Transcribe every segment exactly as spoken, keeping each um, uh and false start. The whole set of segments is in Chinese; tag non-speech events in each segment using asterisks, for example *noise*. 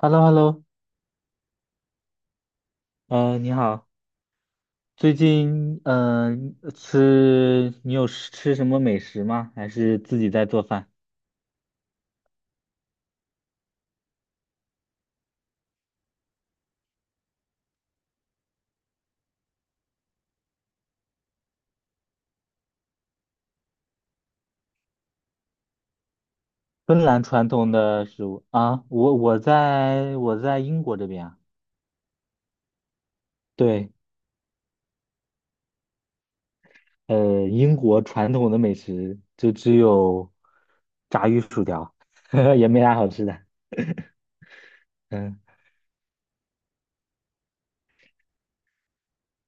h e l l o h e l l o。 呃，你好。最近呃吃你有吃吃什么美食吗？还是自己在做饭？芬兰传统的食物啊，我我在我在英国这边啊。对。呃，英国传统的美食就只有炸鱼薯条，*laughs* 也没啥好吃的。*laughs* 嗯。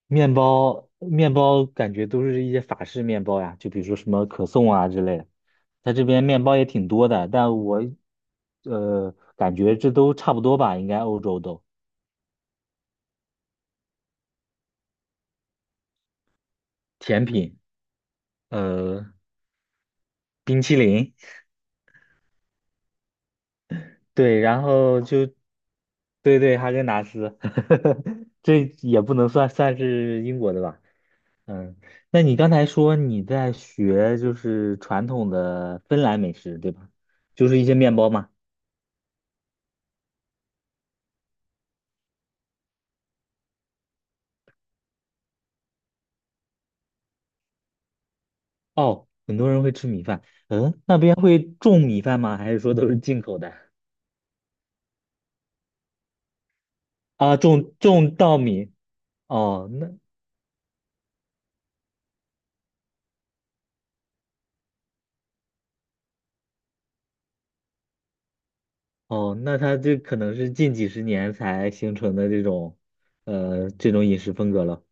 面包面包感觉都是一些法式面包呀，就比如说什么可颂啊之类的。在这边面包也挺多的，但我呃感觉这都差不多吧，应该欧洲都甜品。呃，冰淇淋。对，然后就对对哈根达斯。*laughs* 这也不能算算是英国的吧。嗯，那你刚才说你在学就是传统的芬兰美食，对吧？就是一些面包嘛。哦，很多人会吃米饭。嗯，那边会种米饭吗？还是说都是进口的？啊，种种稻米。哦，那哦，那它这可能是近几十年才形成的这种，呃，这种饮食风格了。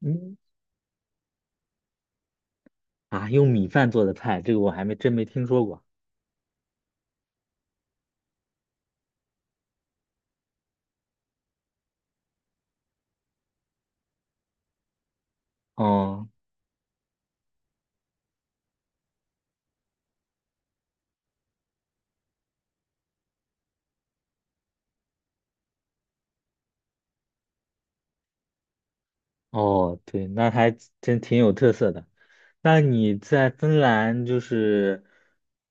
嗯。啊，用米饭做的菜，这个我还没真没听说过。哦哦，对，那还真挺有特色的。那你在芬兰就是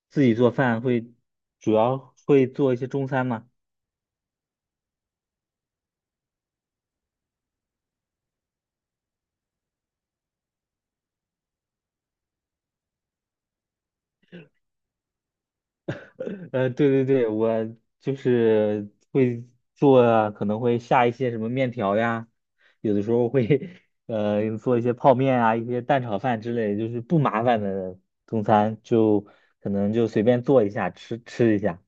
自己做饭会，主要会做一些中餐吗？呃，对对对，我就是会做啊，可能会下一些什么面条呀，有的时候会 *laughs* 呃做一些泡面啊，一些蛋炒饭之类的就是不麻烦的中餐，就可能就随便做一下吃吃一下。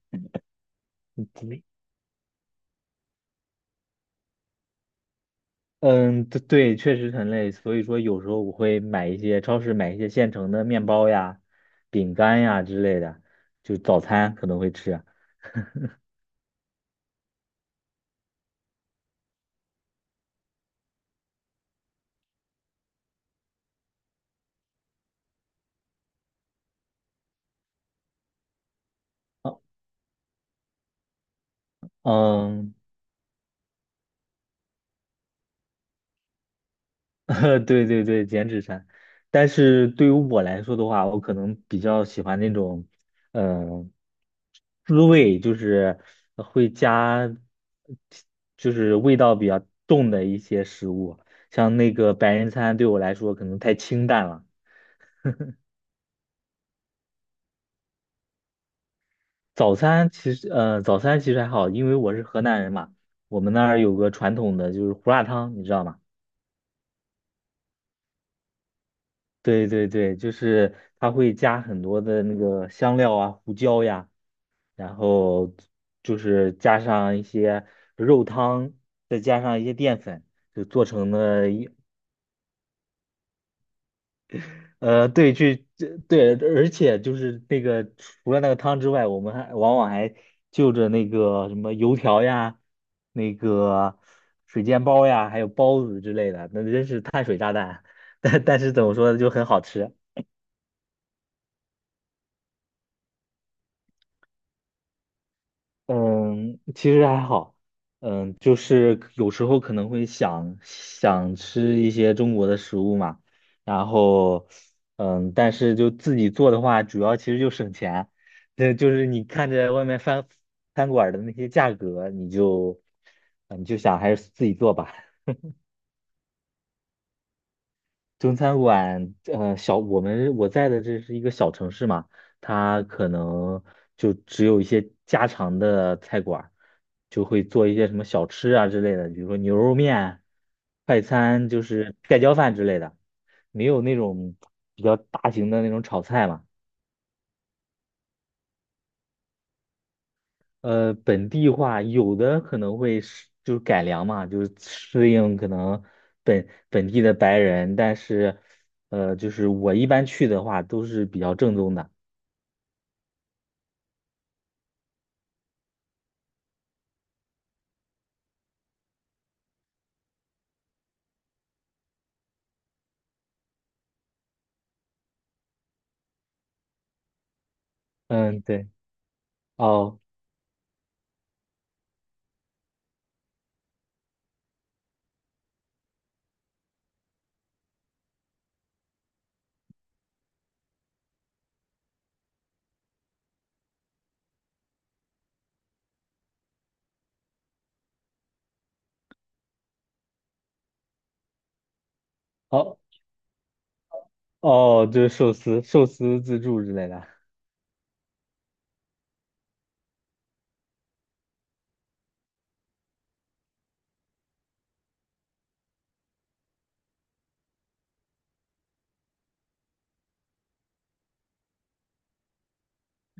嗯，对对，确实很累，所以说有时候我会买一些超市买一些现成的面包呀、饼干呀之类的，就早餐可能会吃。哦。嗯。*laughs* 对对对，减脂餐。但是对于我来说的话，我可能比较喜欢那种，嗯、滋味，就是会加，就是味道比较重的一些食物。像那个白人餐对我来说可能太清淡了。早餐其实，呃，早餐其实还好，因为我是河南人嘛。我们那儿有个传统的就是胡辣汤，你知道吗？对对对，就是它会加很多的那个香料啊、胡椒呀。然后就是加上一些肉汤，再加上一些淀粉，就做成了一呃，对，去这对，而且就是那个除了那个汤之外，我们还往往还就着那个什么油条呀、那个水煎包呀，还有包子之类的，那真是碳水炸弹。*laughs* 但但是怎么说呢，就很好吃。嗯，其实还好，嗯，就是有时候可能会想想吃一些中国的食物嘛。然后，嗯，但是就自己做的话，主要其实就省钱。对，就是你看着外面饭餐馆儿的那些价格，你就，嗯，你就想还是自己做吧。中餐馆，呃，小我们我在的这是一个小城市嘛。它可能就只有一些家常的菜馆儿就会做一些什么小吃啊之类的，比如说牛肉面、快餐，就是盖浇饭之类的，没有那种比较大型的那种炒菜嘛。呃，本地化有的可能会是就是改良嘛，就是适应可能本本地的白人，但是呃，就是我一般去的话都是比较正宗的。嗯，对，哦，哦，哦，就是寿司、寿司自助之类的。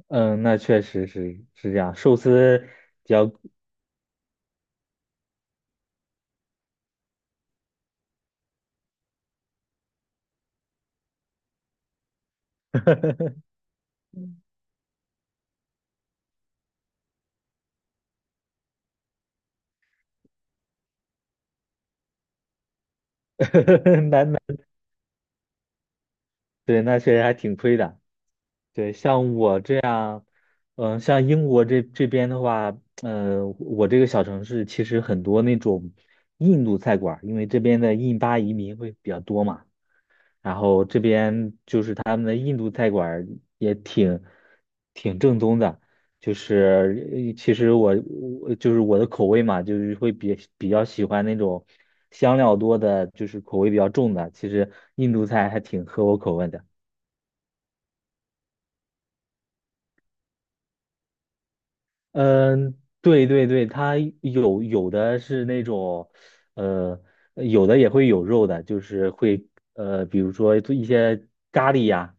嗯，那确实是是这样，寿司比较 *laughs* 难买。对，那确实还挺亏的。对，像我，嗯，像英国这这边的话。嗯，我这个小城市其实很多那种印度菜馆儿，因为这边的印巴移民会比较多嘛。然后这边就是他们的印度菜馆儿也挺挺正宗的。就是呃其实我我就是我的口味嘛，就是会比比较喜欢那种香料多的，就是口味比较重的。其实印度菜还挺合我口味的。嗯，对对对，它有有的是那种，呃，有的也会有肉的，就是会呃，比如说做一些咖喱呀。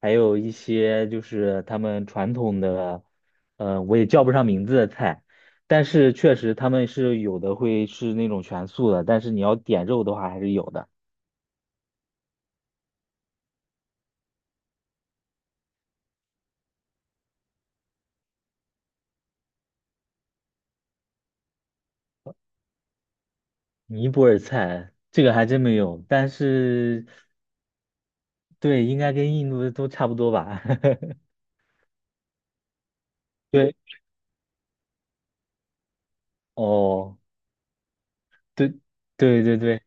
还有一些就是他们传统的，呃，我也叫不上名字的菜，但是确实他们是有的会是那种全素的，但是你要点肉的话还是有的。尼泊尔菜这个还真没有，但是对，应该跟印度的都差不多吧。*laughs* 对，哦，对，对对对。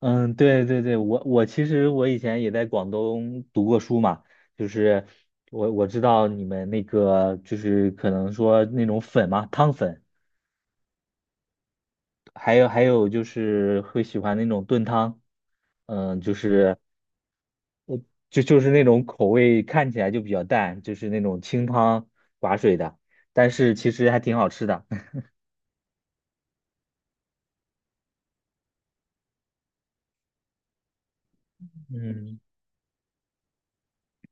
嗯，对对对，我我其实我以前也在广东读过书嘛。就是我我知道你们那个就是可能说那种粉嘛，汤粉，还有还有就是会喜欢那种炖汤。嗯，就是就就是那种口味看起来就比较淡，就是那种清汤寡水的，但是其实还挺好吃的。*laughs* 嗯，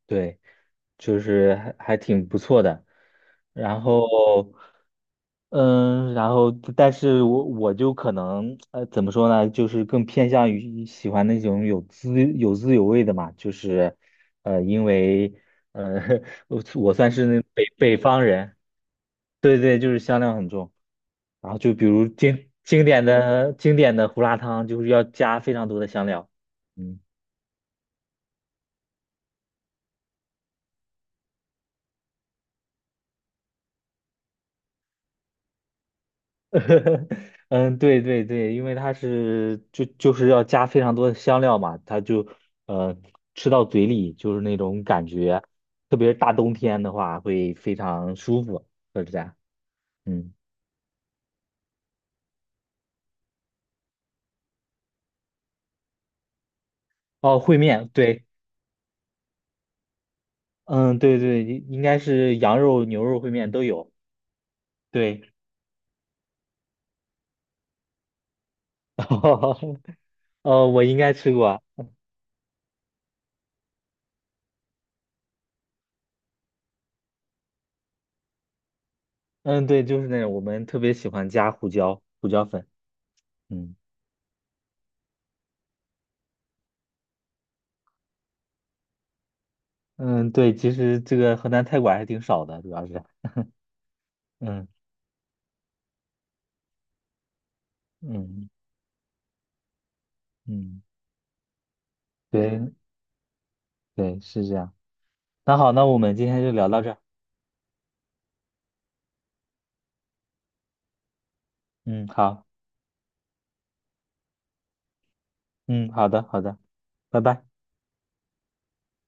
对，就是还还挺不错的。然后，嗯，然后，但是我我就可能，呃，怎么说呢，就是更偏向于喜欢那种有滋有滋有味的嘛，就是，呃，因为，呃，*laughs* 我我算是那北北方人。对对，就是香料很重。然后就比如经经典的经典的胡辣汤，就是要加非常多的香料。嗯。*laughs* 嗯，对对对，因为它是就就是要加非常多的香料嘛，它就呃吃到嘴里就是那种感觉，特别是大冬天的话会非常舒服，就是这样。嗯，哦，烩面，对，嗯，对对，应应该是羊肉、牛肉烩面都有。对，*laughs* 哦，呃我应该吃过。嗯，对，就是那种我们特别喜欢加胡椒、胡椒粉。嗯。嗯，对，其实这个河南菜馆还挺少的，主要是嗯嗯。嗯，对对，是这样。那好，那我们今天就聊到这儿。嗯，好。嗯，好的，好的，拜拜。